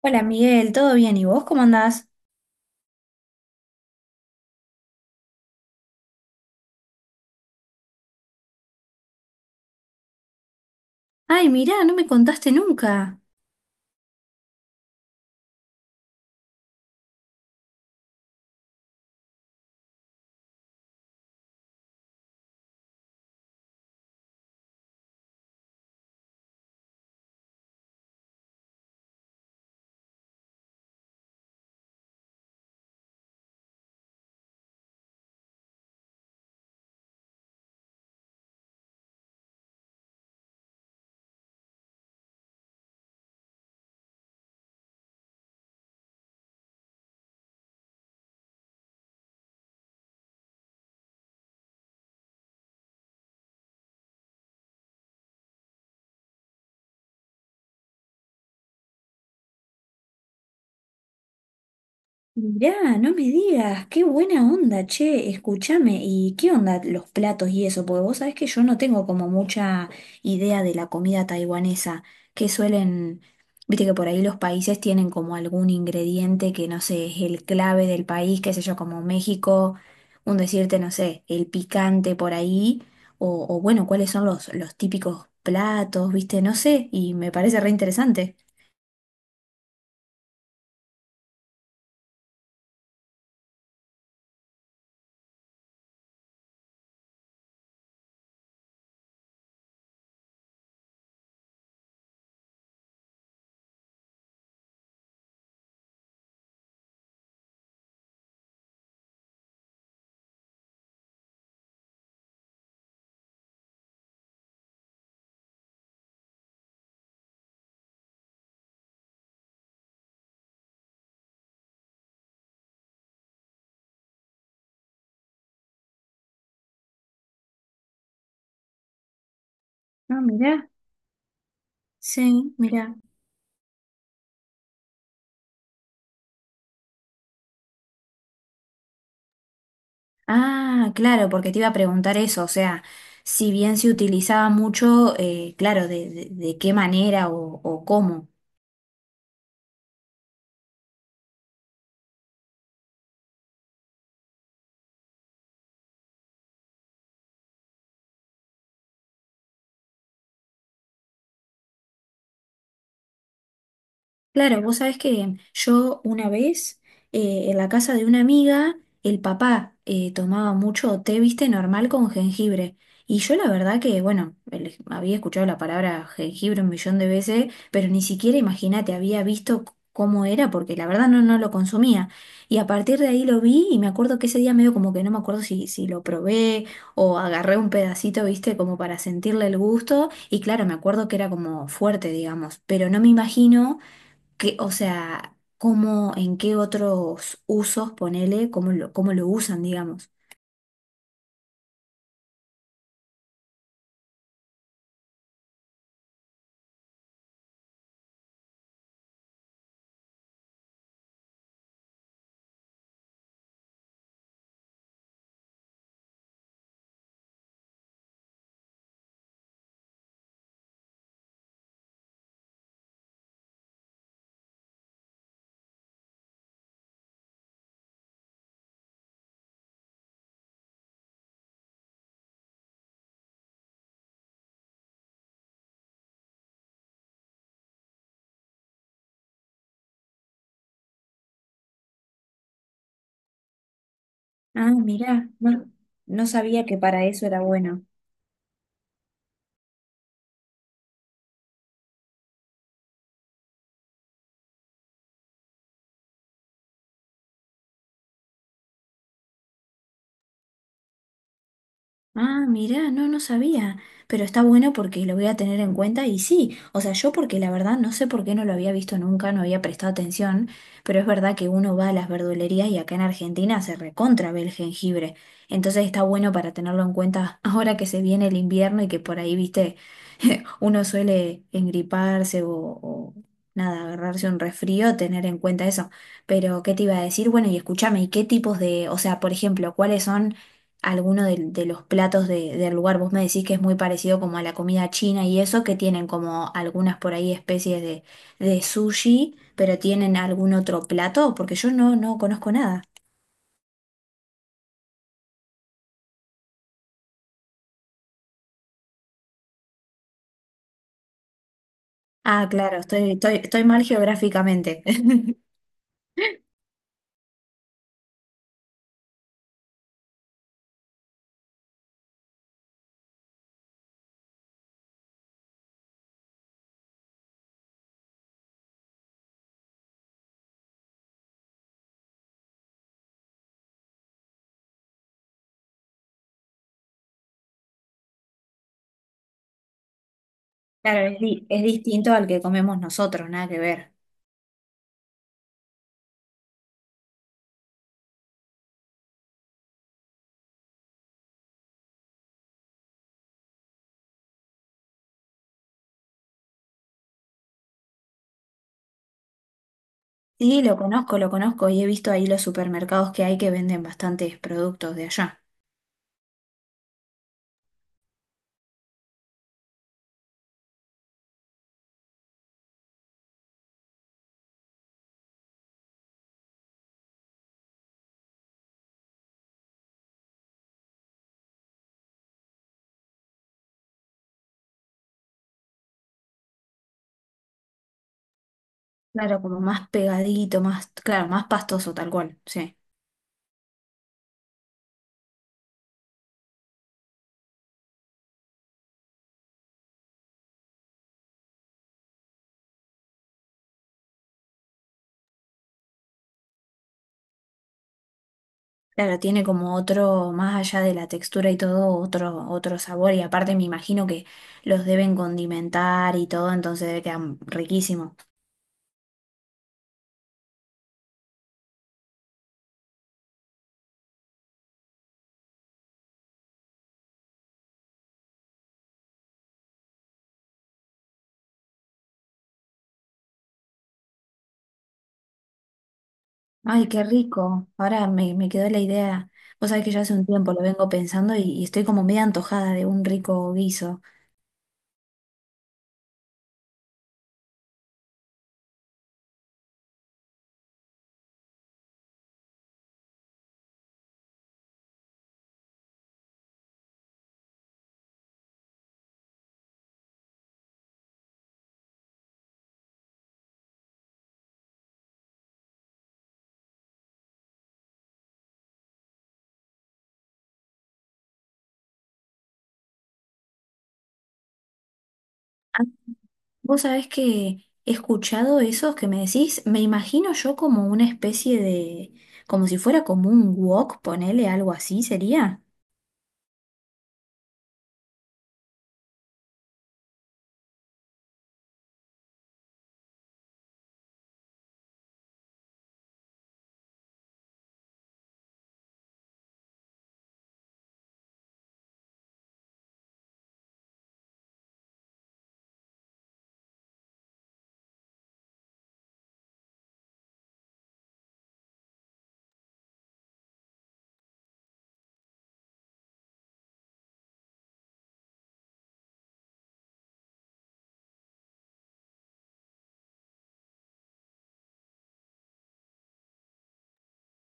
Hola Miguel, ¿todo bien? ¿Y vos cómo andás? Ay, mirá, no me contaste nunca. Mirá, no me digas, qué buena onda, che, escúchame, ¿y qué onda los platos y eso? Porque vos sabés que yo no tengo como mucha idea de la comida taiwanesa, que suelen, viste que por ahí los países tienen como algún ingrediente que no sé, es el clave del país, qué sé yo, como México, un decirte, no sé, el picante por ahí, o bueno, cuáles son los típicos platos, viste, no sé, y me parece re interesante. Ah, mirá, sí, mirá. Ah, claro, porque te iba a preguntar eso, o sea, si bien se utilizaba mucho, claro, de qué manera o cómo. Claro, vos sabés que yo una vez en la casa de una amiga, el papá tomaba mucho té, viste, normal con jengibre. Y yo la verdad que, bueno, el- había escuchado la palabra jengibre un millón de veces, pero ni siquiera, imagínate, había visto c- cómo era, porque la verdad no, no lo consumía. Y a partir de ahí lo vi y me acuerdo que ese día medio como que no me acuerdo si lo probé o agarré un pedacito, viste, como para sentirle el gusto. Y claro, me acuerdo que era como fuerte, digamos, pero no me imagino que, o sea, cómo, en qué otros usos, ponele, cómo lo usan, digamos. Ah, mirá, no, no sabía que para eso era bueno. Ah, mirá, no, no sabía, pero está bueno porque lo voy a tener en cuenta y sí, o sea, yo porque la verdad no sé por qué no lo había visto nunca, no había prestado atención, pero es verdad que uno va a las verdulerías y acá en Argentina se recontra ve el jengibre, entonces está bueno para tenerlo en cuenta ahora que se viene el invierno y que por ahí, viste, uno suele engriparse nada, agarrarse un resfrío, tener en cuenta eso. Pero, ¿qué te iba a decir? Bueno, y escúchame, ¿y qué tipos de, o sea, por ejemplo, cuáles son algunos de los platos de- del lugar? Vos me decís que es muy parecido como a la comida china y eso, que tienen como algunas por ahí especies de sushi, pero tienen algún otro plato, porque yo no, no conozco nada. Ah, claro, estoy mal geográficamente. Claro, es, di- es distinto al que comemos nosotros, nada que ver. Sí, lo conozco y he visto ahí los supermercados que hay que venden bastantes productos de allá. Claro, como más pegadito, más, claro, más pastoso tal cual, sí. Claro, tiene como otro, más allá de la textura y todo, otro, otro sabor y aparte me imagino que los deben condimentar y todo, entonces debe quedar riquísimo. Ay, qué rico. Ahora me, me quedó la idea. Vos sabés que ya hace un tiempo lo vengo pensando y estoy como media antojada de un rico guiso. Vos sabés que he escuchado esos que me decís, me imagino yo como una especie de, como si fuera como un wok, ponele algo así, ¿sería?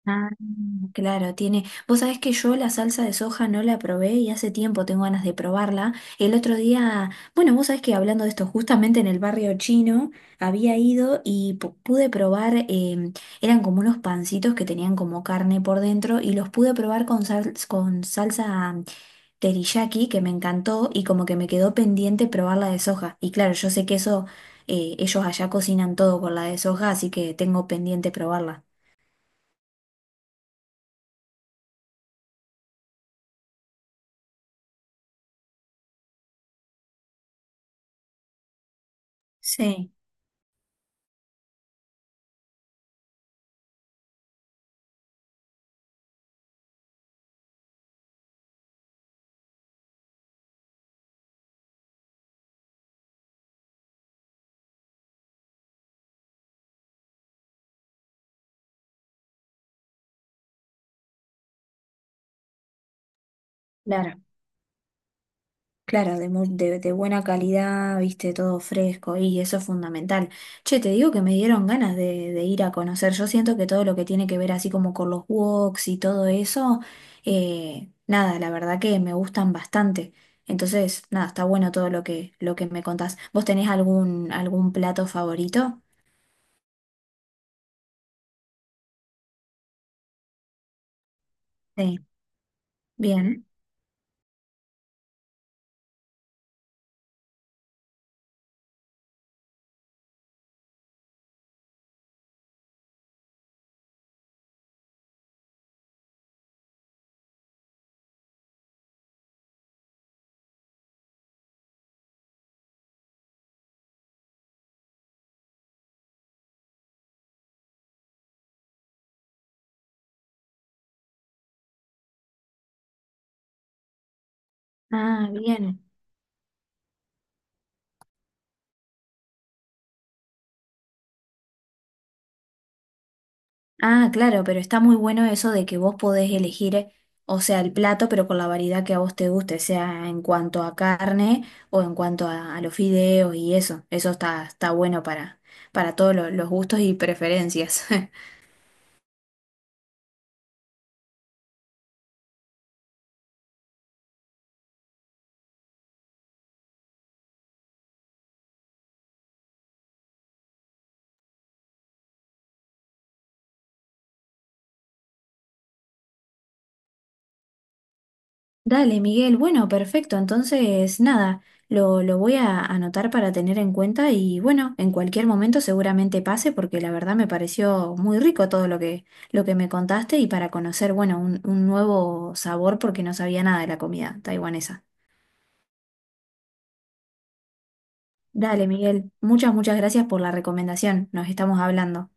Ah, claro, tiene. Vos sabés que yo la salsa de soja no la probé y hace tiempo tengo ganas de probarla. El otro día, bueno, vos sabés que hablando de esto, justamente en el barrio chino había ido y pu- pude probar, eran como unos pancitos que tenían como carne por dentro y los pude probar con sal- con salsa teriyaki que me encantó y como que me quedó pendiente probar la de soja. Y claro, yo sé que eso, ellos allá cocinan todo con la de soja, así que tengo pendiente probarla. Sí. Claro. Claro, de, mu- de buena calidad, viste, todo fresco y eso es fundamental. Che, te digo que me dieron ganas de ir a conocer. Yo siento que todo lo que tiene que ver así como con los woks y todo eso, nada, la verdad que me gustan bastante. Entonces, nada, está bueno todo lo que me contás. ¿Vos tenés algún, algún plato favorito? Sí. Bien. Ah, bien. Ah, claro, pero está muy bueno eso de que vos podés elegir, o sea, el plato, pero con la variedad que a vos te guste, sea en cuanto a carne o en cuanto a los fideos y eso. Eso está, está bueno para todos lo- los gustos y preferencias. Dale, Miguel. Bueno, perfecto. Entonces, nada, lo voy a anotar para tener en cuenta y bueno, en cualquier momento seguramente pase porque la verdad me pareció muy rico todo lo que me contaste y para conocer, bueno, un nuevo sabor porque no sabía nada de la comida taiwanesa. Dale, Miguel. Muchas, muchas gracias por la recomendación. Nos estamos hablando.